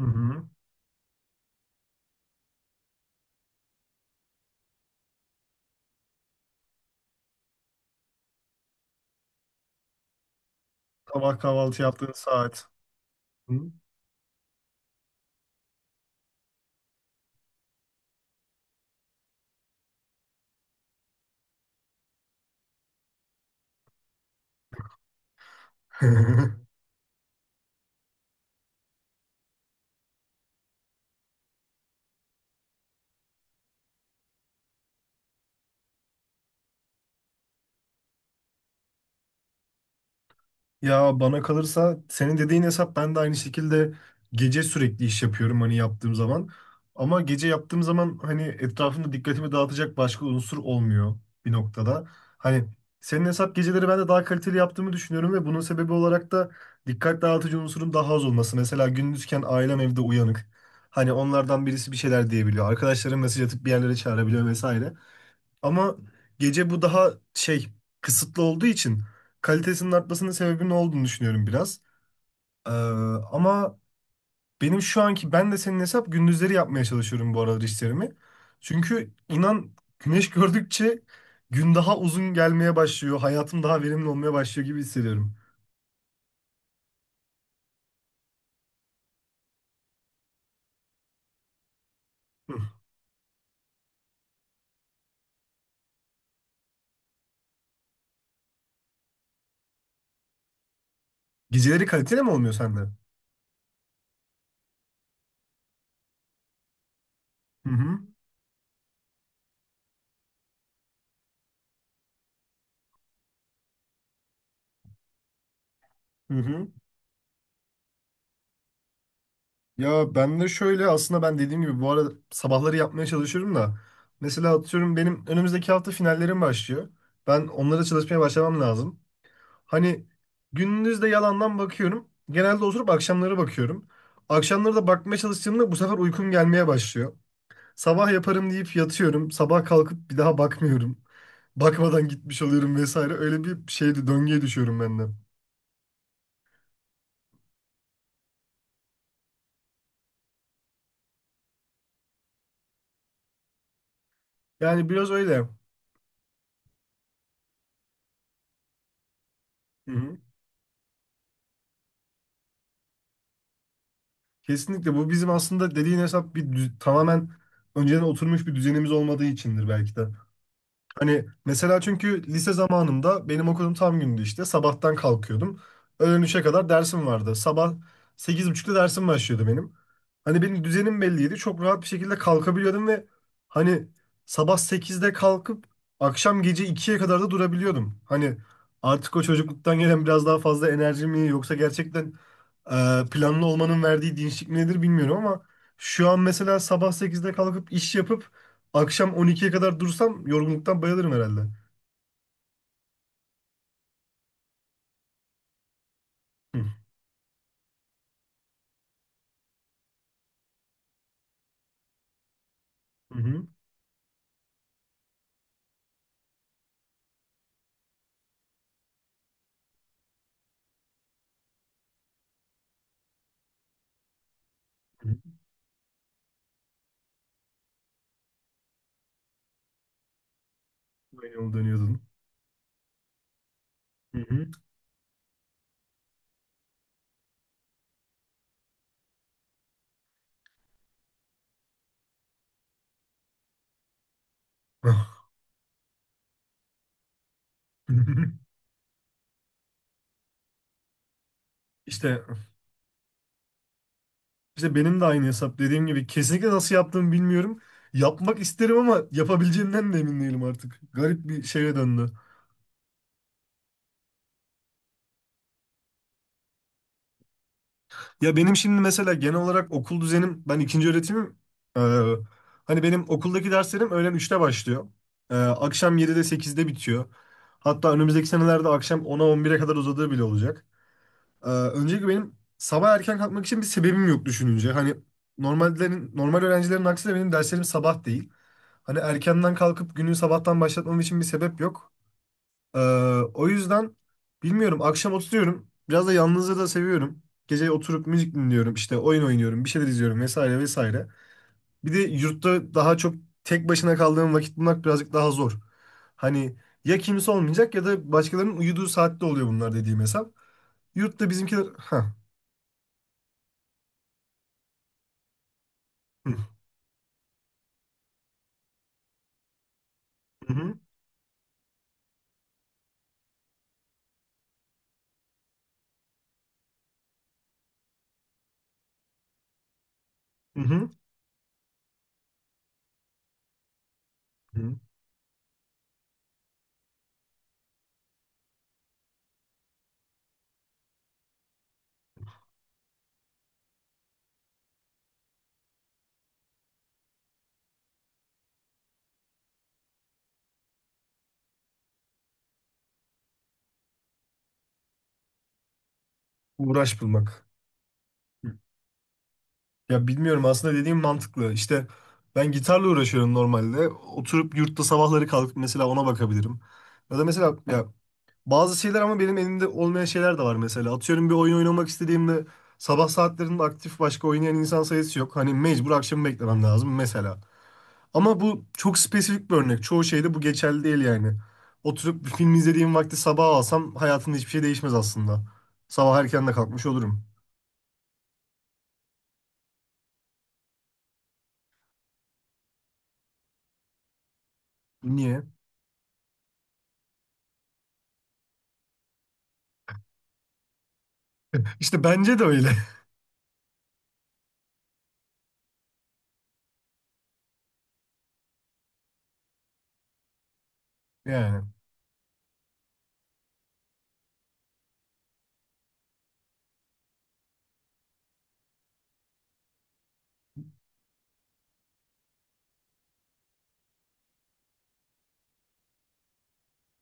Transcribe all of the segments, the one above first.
Hı hı. Sabah kahvaltı yaptığın saat. Hı. Ya bana kalırsa senin dediğin hesap ben de aynı şekilde gece sürekli iş yapıyorum hani yaptığım zaman. Ama gece yaptığım zaman hani etrafımda dikkatimi dağıtacak başka unsur olmuyor bir noktada. Hani senin hesap geceleri ben de daha kaliteli yaptığımı düşünüyorum ve bunun sebebi olarak da dikkat dağıtıcı unsurun daha az olması. Mesela gündüzken ailem evde uyanık. Hani onlardan birisi bir şeyler diyebiliyor. Arkadaşlarım mesaj atıp bir yerlere çağırabiliyor vesaire. Ama gece bu daha şey kısıtlı olduğu için kalitesinin artmasının sebebi ne olduğunu düşünüyorum biraz. Ee, ama benim şu anki ben de senin hesap gündüzleri yapmaya çalışıyorum bu aralar işlerimi. Çünkü inan güneş gördükçe gün daha uzun gelmeye başlıyor. Hayatım daha verimli olmaya başlıyor gibi hissediyorum. Hı. Geceleri kaliteli mi olmuyor sende? Hı hı. Hı hı. Ya ben de şöyle aslında ben dediğim gibi bu arada sabahları yapmaya çalışıyorum da mesela atıyorum benim önümüzdeki hafta finallerim başlıyor. Ben onlara çalışmaya başlamam lazım. Hani gündüz de yalandan bakıyorum. Genelde oturup akşamları bakıyorum. Akşamları da bakmaya çalıştığımda bu sefer uykum gelmeye başlıyor. Sabah yaparım deyip yatıyorum. Sabah kalkıp bir daha bakmıyorum. Bakmadan gitmiş oluyorum vesaire. Öyle bir şeydi döngüye düşüyorum ben de. Yani biraz öyle. Hı hı. Kesinlikle bu bizim aslında dediğin hesap bir tamamen önceden oturmuş bir düzenimiz olmadığı içindir belki de. Hani mesela çünkü lise zamanımda benim okulum tam gündü işte sabahtan kalkıyordum. Öğlen 3'e kadar dersim vardı. Sabah sekiz buçukta dersim başlıyordu benim. Hani benim düzenim belliydi. Çok rahat bir şekilde kalkabiliyordum ve hani sabah sekizde kalkıp akşam gece ikiye kadar da durabiliyordum. Hani artık o çocukluktan gelen biraz daha fazla enerji mi yoksa gerçekten planlı olmanın verdiği dinçlik nedir bilmiyorum ama şu an mesela sabah 8'de kalkıp iş yapıp akşam on ikiye kadar dursam yorgunluktan bayılırım herhalde. Hı hı. Hı. Aynı yolu dönüyordun. Hı hı. İşte işte benim de aynı hesap dediğim gibi kesinlikle nasıl yaptığımı bilmiyorum. Yapmak isterim ama yapabileceğimden de emin değilim artık. Garip bir şeye döndü. Ya benim şimdi mesela genel olarak okul düzenim ben ikinci öğretimim. Ee, Hani benim okuldaki derslerim öğlen üçte başlıyor. Akşam 7'de sekizde bitiyor. Hatta önümüzdeki senelerde akşam ona on bire kadar uzadığı bile olacak. Öncelikle benim sabah erken kalkmak için bir sebebim yok düşününce. Hani normallerin normal öğrencilerin aksine benim derslerim sabah değil. Hani erkenden kalkıp günü sabahtan başlatmam için bir sebep yok. Ee, O yüzden bilmiyorum akşam oturuyorum. Biraz da yalnızlığı da seviyorum. Gece oturup müzik dinliyorum, işte oyun oynuyorum, bir şeyler izliyorum vesaire vesaire. Bir de yurtta daha çok tek başına kaldığım vakit bulmak birazcık daha zor. Hani ya kimse olmayacak ya da başkalarının uyuduğu saatte oluyor bunlar dediğim hesap. Yurtta bizimkiler... Ha. Hı hı hı hı. Hı. Uğraş bulmak. Ya bilmiyorum aslında dediğim mantıklı. İşte ben gitarla uğraşıyorum normalde. Oturup yurtta sabahları kalkıp mesela ona bakabilirim. Ya da mesela ya bazı şeyler ama benim elimde olmayan şeyler de var mesela. Atıyorum bir oyun oynamak istediğimde sabah saatlerinde aktif başka oynayan insan sayısı yok. Hani mecbur akşamı beklemem lazım mesela. Ama bu çok spesifik bir örnek. Çoğu şeyde bu geçerli değil yani. Oturup bir film izlediğim vakti sabah alsam hayatımda hiçbir şey değişmez aslında. Sabah erken de kalkmış olurum. Niye? İşte bence de öyle yani.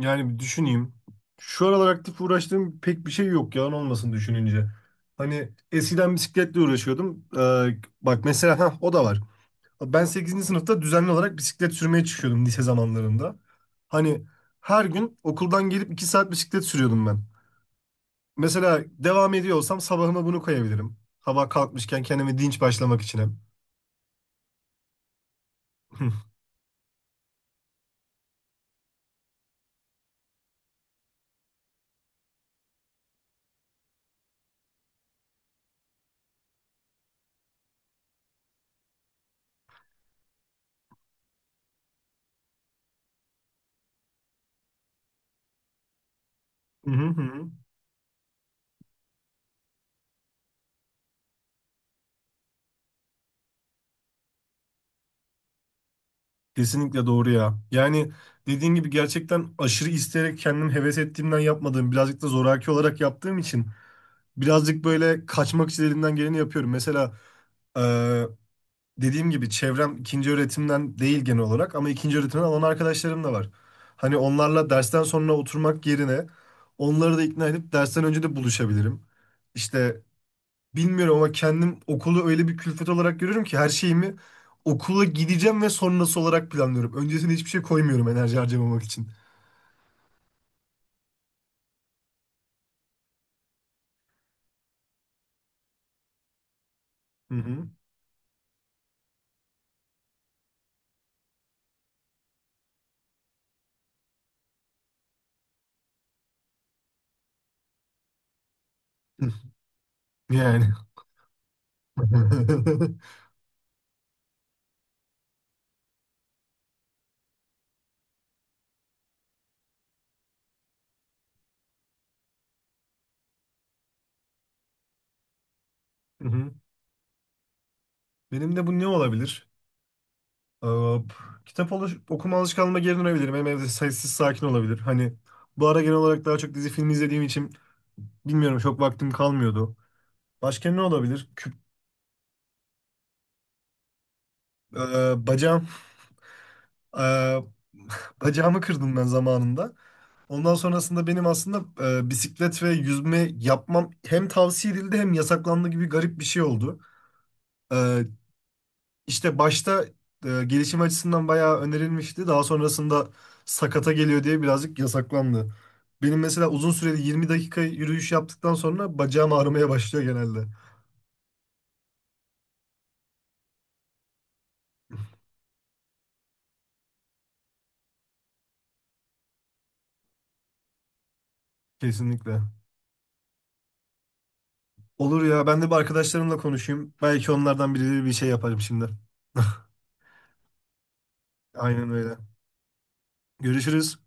Yani bir düşüneyim. Şu aralar aktif uğraştığım pek bir şey yok yalan olmasın düşününce. Hani eskiden bisikletle uğraşıyordum. Bak mesela ha o da var. Ben sekizinci sınıfta düzenli olarak bisiklet sürmeye çıkıyordum lise zamanlarında. Hani her gün okuldan gelip 2 saat bisiklet sürüyordum ben. Mesela devam ediyor olsam sabahıma bunu koyabilirim. Sabah kalkmışken kendime dinç başlamak için hem. Kesinlikle doğru ya. Yani dediğin gibi gerçekten aşırı isteyerek kendim heves ettiğimden yapmadığım, birazcık da zoraki olarak yaptığım için birazcık böyle kaçmak için elimden geleni yapıyorum. Mesela Ee, dediğim gibi çevrem ikinci öğretimden değil genel olarak ama ikinci öğretimden olan arkadaşlarım da var. Hani onlarla dersten sonra oturmak yerine onları da ikna edip dersten önce de buluşabilirim. İşte bilmiyorum ama kendim okulu öyle bir külfet olarak görüyorum ki her şeyimi okula gideceğim ve sonrası olarak planlıyorum. Öncesine hiçbir şey koymuyorum enerji harcamamak için. Hı hı. Hı. Yani. Hı hı. Benim de bu ne olabilir? Hop. Okuma alışkanlığıma geri dönebilirim. Hem evde sessiz sakin olabilir. Hani bu ara genel olarak daha çok dizi film izlediğim için bilmiyorum çok vaktim kalmıyordu. Başka ne olabilir? Eee, bacağım, eee, bacağımı kırdım ben zamanında. Ondan sonrasında benim aslında bisiklet ve yüzme yapmam hem tavsiye edildi hem yasaklandı gibi garip bir şey oldu. E, işte başta gelişim açısından bayağı önerilmişti. Daha sonrasında sakata geliyor diye birazcık yasaklandı. Benim mesela uzun süreli 20 dakika yürüyüş yaptıktan sonra bacağım ağrımaya başlıyor genelde. Kesinlikle. Olur ya ben de bir arkadaşlarımla konuşayım. Belki onlardan biri bir şey yaparım şimdi. Aynen öyle. Görüşürüz.